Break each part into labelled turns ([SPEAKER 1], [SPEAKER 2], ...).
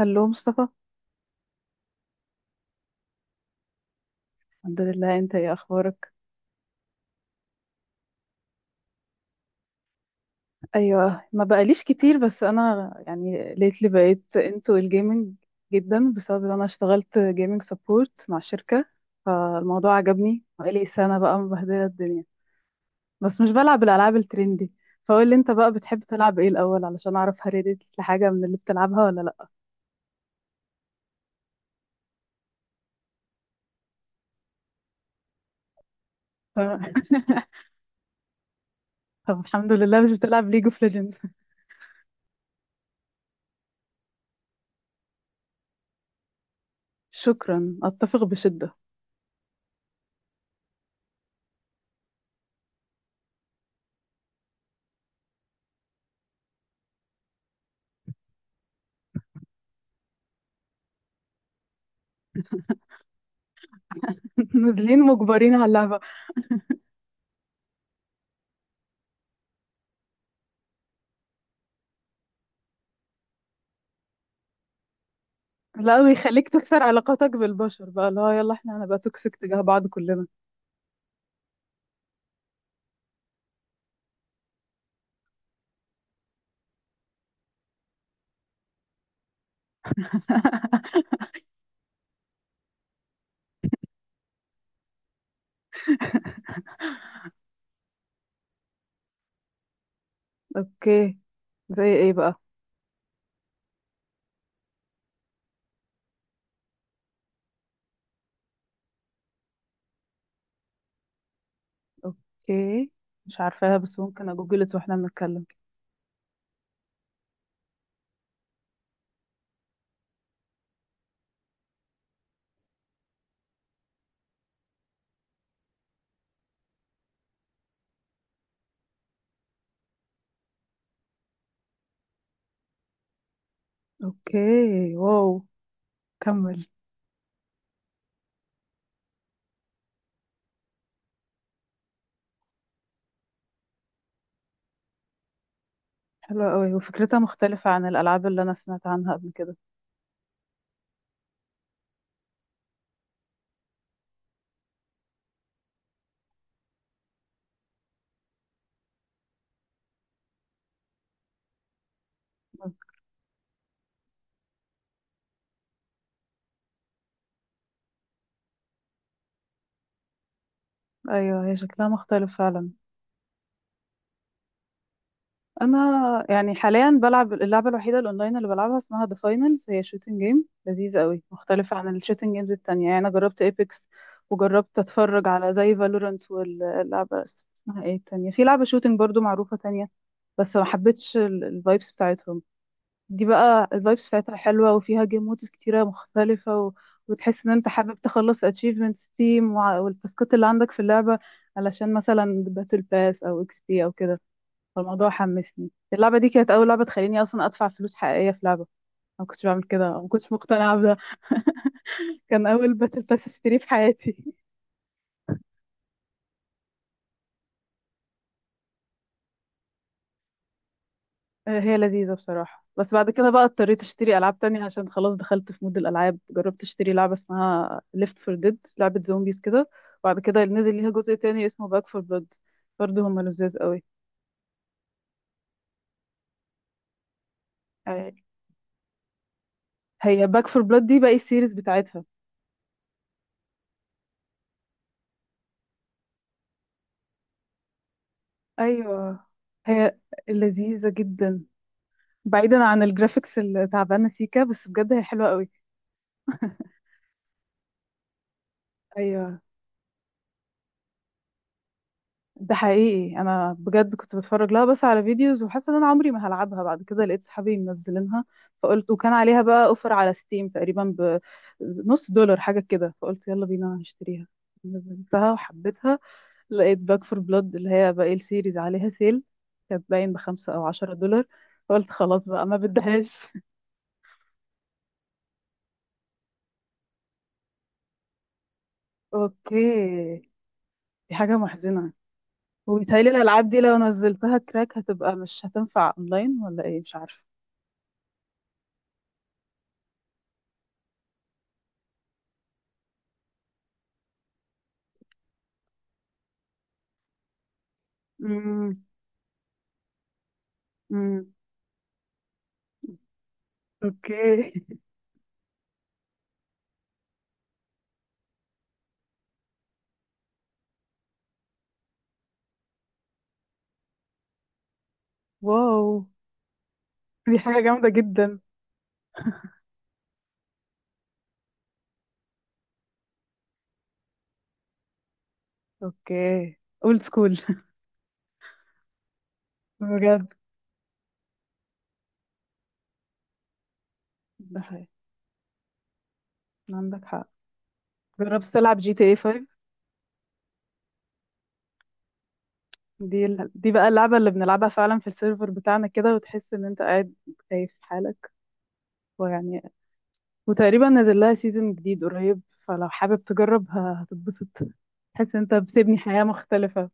[SPEAKER 1] هلو مصطفى. الحمد لله، انت ايه اخبارك؟ ايوه، ما بقاليش كتير، بس انا يعني ليتلي بقيت انتو الجيمنج جدا بسبب ان انا اشتغلت جيمنج سبورت مع شركة، فالموضوع عجبني. بقالي سنة بقى مبهدلة الدنيا. بس مش بلعب الالعاب الترندي. فقول لي انت بقى، بتحب تلعب ايه الاول علشان اعرف هل ريديتس لحاجة من اللي بتلعبها ولا لا؟ ف- طب الحمد لله مش بتلعب ليج اوف ليجندز. شكرا، اتفق بشدة. نازلين مجبرين على اللعبة. لا، ويخليك تكسر علاقاتك بالبشر بقى، اللي هو يلا احنا هنبقى توكسيك تجاه بعض كلنا. اوكي، زي ايه بقى؟ اوكي، مش عارفاها، بس ممكن اجوجلت واحنا بنتكلم. اوكي، واو، كمل. حلوة قوي، وفكرتها مختلفة عن الألعاب اللي أنا سمعت عنها قبل كده. أيوة، هي شكلها مختلف فعلا. انا يعني حاليا بلعب اللعبه الوحيده الاونلاين اللي بلعبها، اسمها ذا فاينلز. هي شوتنج جيم لذيذه قوي، مختلفه عن الشوتنج جيمز التانية. يعني انا جربت ايبكس، وجربت اتفرج على زي فالورانت، واللعبه اسمها ايه التانية، في لعبه شوتنج برضو معروفه تانية، بس ما حبيتش الفايبس بتاعتهم. دي بقى الفايبس بتاعتها حلوه، وفيها جيم مودز كتيره مختلفه، و... وتحس ان انت حابب تخلص اتشيفمنتس تيم والتاسكات اللي عندك في اللعبه، علشان مثلا باتل باس او اكس بي او كده. فالموضوع حمسني. اللعبة دي كانت أول لعبة تخليني أصلا أدفع فلوس حقيقية في لعبة. أنا ما كنتش بعمل كده، ما كنتش مقتنعة بده. كان أول باتل باس اشتريه في حياتي. آه، هي لذيذة بصراحة. بس بعد كده بقى اضطريت اشتري ألعاب تانية، عشان خلاص دخلت في مود الألعاب. جربت اشتري لعبة اسمها ليفت فور ديد، لعبة زومبيز كده. وبعد كده نزل ليها جزء تاني اسمه باك فور بلاد، برضه هما لذاذ قوي. آه، هي باك فور بلاد دي بقى السيريز بتاعتها. أيوه، هي لذيذة جدا. بعيدا عن الجرافيكس اللي تعبانه سيكا، بس بجد هي حلوه قوي. ايوه. ده حقيقي، انا بجد كنت بتفرج لها بس على فيديوز، وحاسه ان انا عمري ما هلعبها. بعد كده لقيت صحابي منزلينها، فقلت، وكان عليها بقى اوفر على ستيم تقريبا بنص دولار حاجه كده، فقلت يلا بينا هشتريها. نزلتها وحبيتها. لقيت باك فور بلاد اللي هي باقي السيريز عليها سيل، كانت باين بخمسة او عشرة دولار، فقلت خلاص بقى ما بدهاش. اوكي، دي حاجه محزنه. وبيتهيألي الألعاب دي لو نزلتها كراك هتبقى مش هتنفع أونلاين ولا إيه، مش عارفة. امم. امم. أوكي. واو، دي حاجة جامدة جدا. أوكي، أولد سكول. بجد. ده حقيقي. عندك حق. جربت تلعب جي تي اي 5؟ دي بقى اللعبة اللي بنلعبها فعلا في السيرفر بتاعنا كده، وتحس ان انت قاعد خايف في حالك. ويعني، وتقريبا نزل لها سيزون جديد قريب، فلو حابب تجرب هتتبسط. تحس ان انت بتبني حياة مختلفة.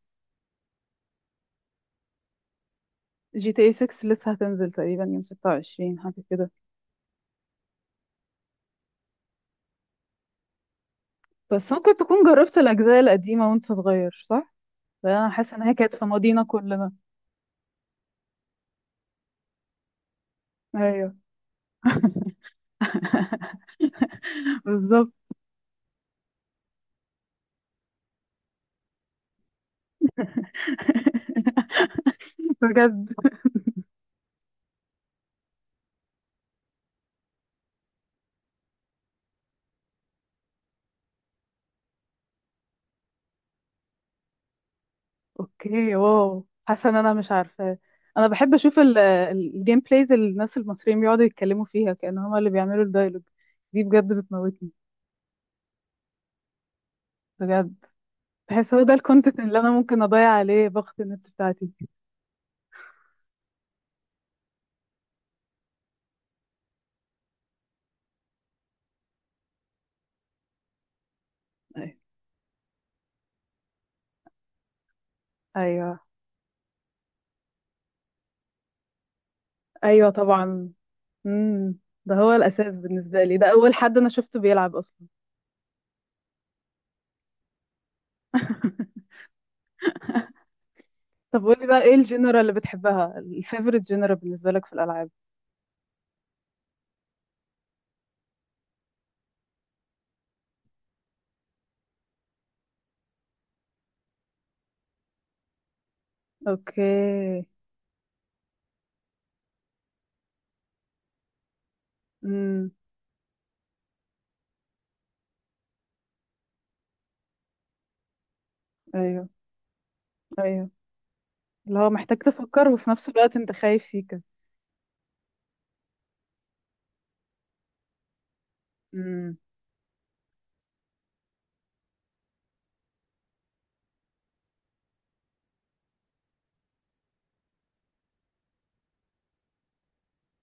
[SPEAKER 1] جي تي اي 6 لسه هتنزل تقريبا يوم 26 حاجة كده. بس ممكن تكون جربت الأجزاء القديمة وانت صغير، صح؟ لأن أنا حاسة إن هي كانت في ماضينا كلنا. أيوه. بالظبط. بجد. أوكي، واو، حاسة إن أنا مش عارفة. أنا بحب أشوف الجيم بلايز اللي الناس المصريين بيقعدوا يتكلموا فيها كأن هما اللي بيعملوا الدايلوج. دي بجد بتموتني. بجد، بحس هو ده الكونتنت اللي أنا ممكن أضيع عليه باقة النت بتاعتي. أيوه. ايوه طبعا. امم. ده هو الاساس بالنسبه لي، ده اول حد انا شفته بيلعب اصلا. طب قولي بقى، ايه الجنرال اللي بتحبها، الفيفوريت جنرال بالنسبه لك في الالعاب؟ اوكي. امم. ايوه. ايوه. اللي هو محتاج تفكر، وفي نفس الوقت انت خايف سيكا. امم.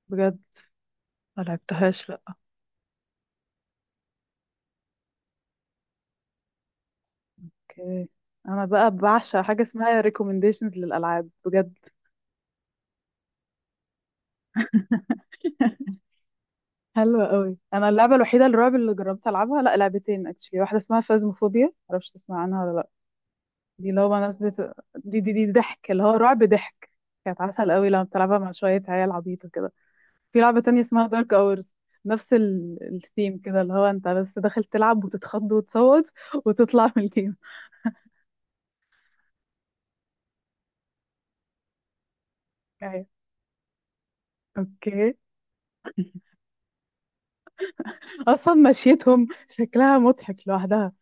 [SPEAKER 1] بجد؟ ما لعبتهاش لا. اوكي، انا بقى بعشق حاجه اسمها ريكومنديشنز للالعاب بجد. حلوة قوي. انا اللعبه الوحيده الرعب اللي جربت العبها، لا لعبتين اكشلي، واحده اسمها فازموفوبيا، معرفش تسمع عنها ولا لا. دي اللي هو بقى ناس بت... دي دي دي ضحك، اللي هو رعب ضحك. كانت عسل قوي لما بتلعبها مع شوية عيال عبيطة كده. في لعبة تانية اسمها دارك اورز، نفس الثيم كده، اللي هو انت بس داخل تلعب وتتخض وتصوت وتطلع من الجيم. ايوه. اوكي. اصلا مشيتهم شكلها مضحك لوحدها.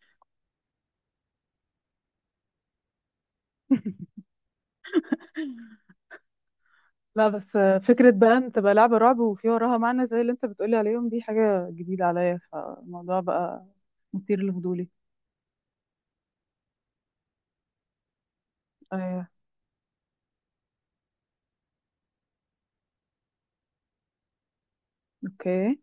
[SPEAKER 1] لا بس فكرة بقى ان تبقى لعبة رعب وفي وراها معنى زي اللي انت بتقولي عليهم، دي حاجة جديدة عليا، فالموضوع بقى مثير لفضولي. ايوه. اوكي.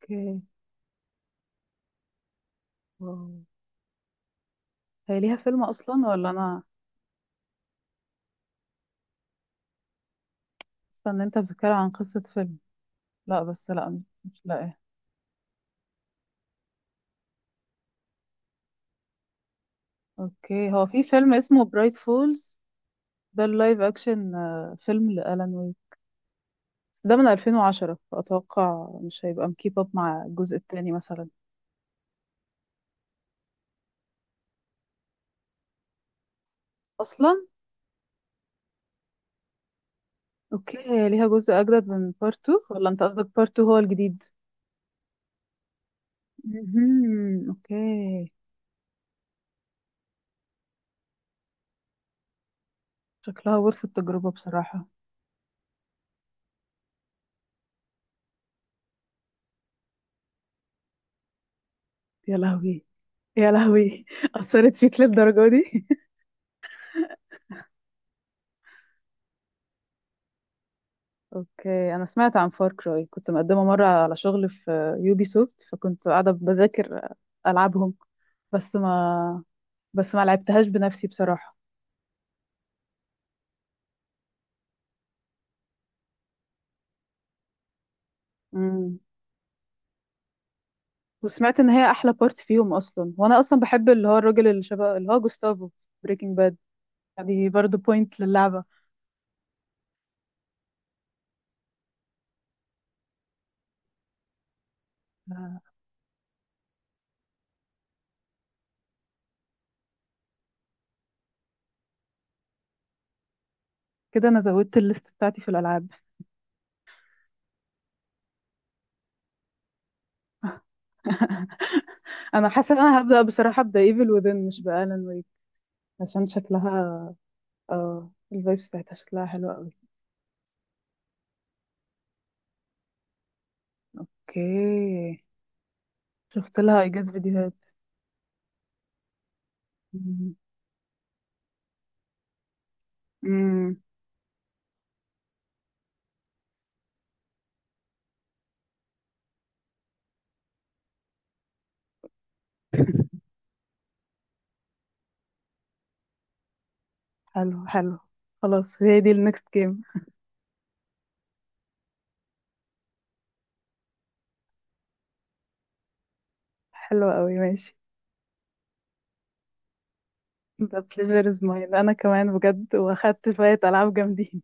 [SPEAKER 1] اوكي، واو. هي ليها فيلم اصلا ولا انا حاسه ان انت بتتكلم عن قصه فيلم؟ لا، بس لا مش لاقيه. اوكي، هو في فيلم اسمه برايت فولز، ده اللايف اكشن، آه، فيلم لالان ويك، بس ده من 2010، فاتوقع مش هيبقى مكيب اب مع الجزء التاني مثلا. اصلا؟ اوكي، هي ليها جزء اجدد من بارت 2 ولا انت قصدك بارت 2 هو الجديد؟ مهم. اوكي. شكلها ورث التجربه بصراحه. يا لهوي، يا لهوي. اثرت فيك للدرجه دي. اوكي، انا سمعت عن فار كراي. كنت مقدمه مره على شغل في يوبي سوفت، فكنت قاعده بذاكر العابهم، بس ما بس ما لعبتهاش بنفسي بصراحه. امم. وسمعت ان هي احلى بارت فيهم اصلا. وانا اصلا بحب اللي هو الراجل اللي شبه اللي هو جوستافو، بريكنج باد. دي برضه بوينت للعبه. آه، كده انا زودت الليست بتاعتي في الالعاب. انا حاسه ان انا هبدا بصراحه، ابدا ايفل وذن مش بالان ويك، عشان شكلها. اه، الفايبس بتاعتها شكلها حلو قوي. اوكي، شفت لها اي جاس فيديوهات. مم. امم. حلو حلو. خلاص، هي دي النكست جيم. حلوة قوي، ماشي. The pleasure is mine، انا كمان بجد. واخدت شوية العاب جامدين.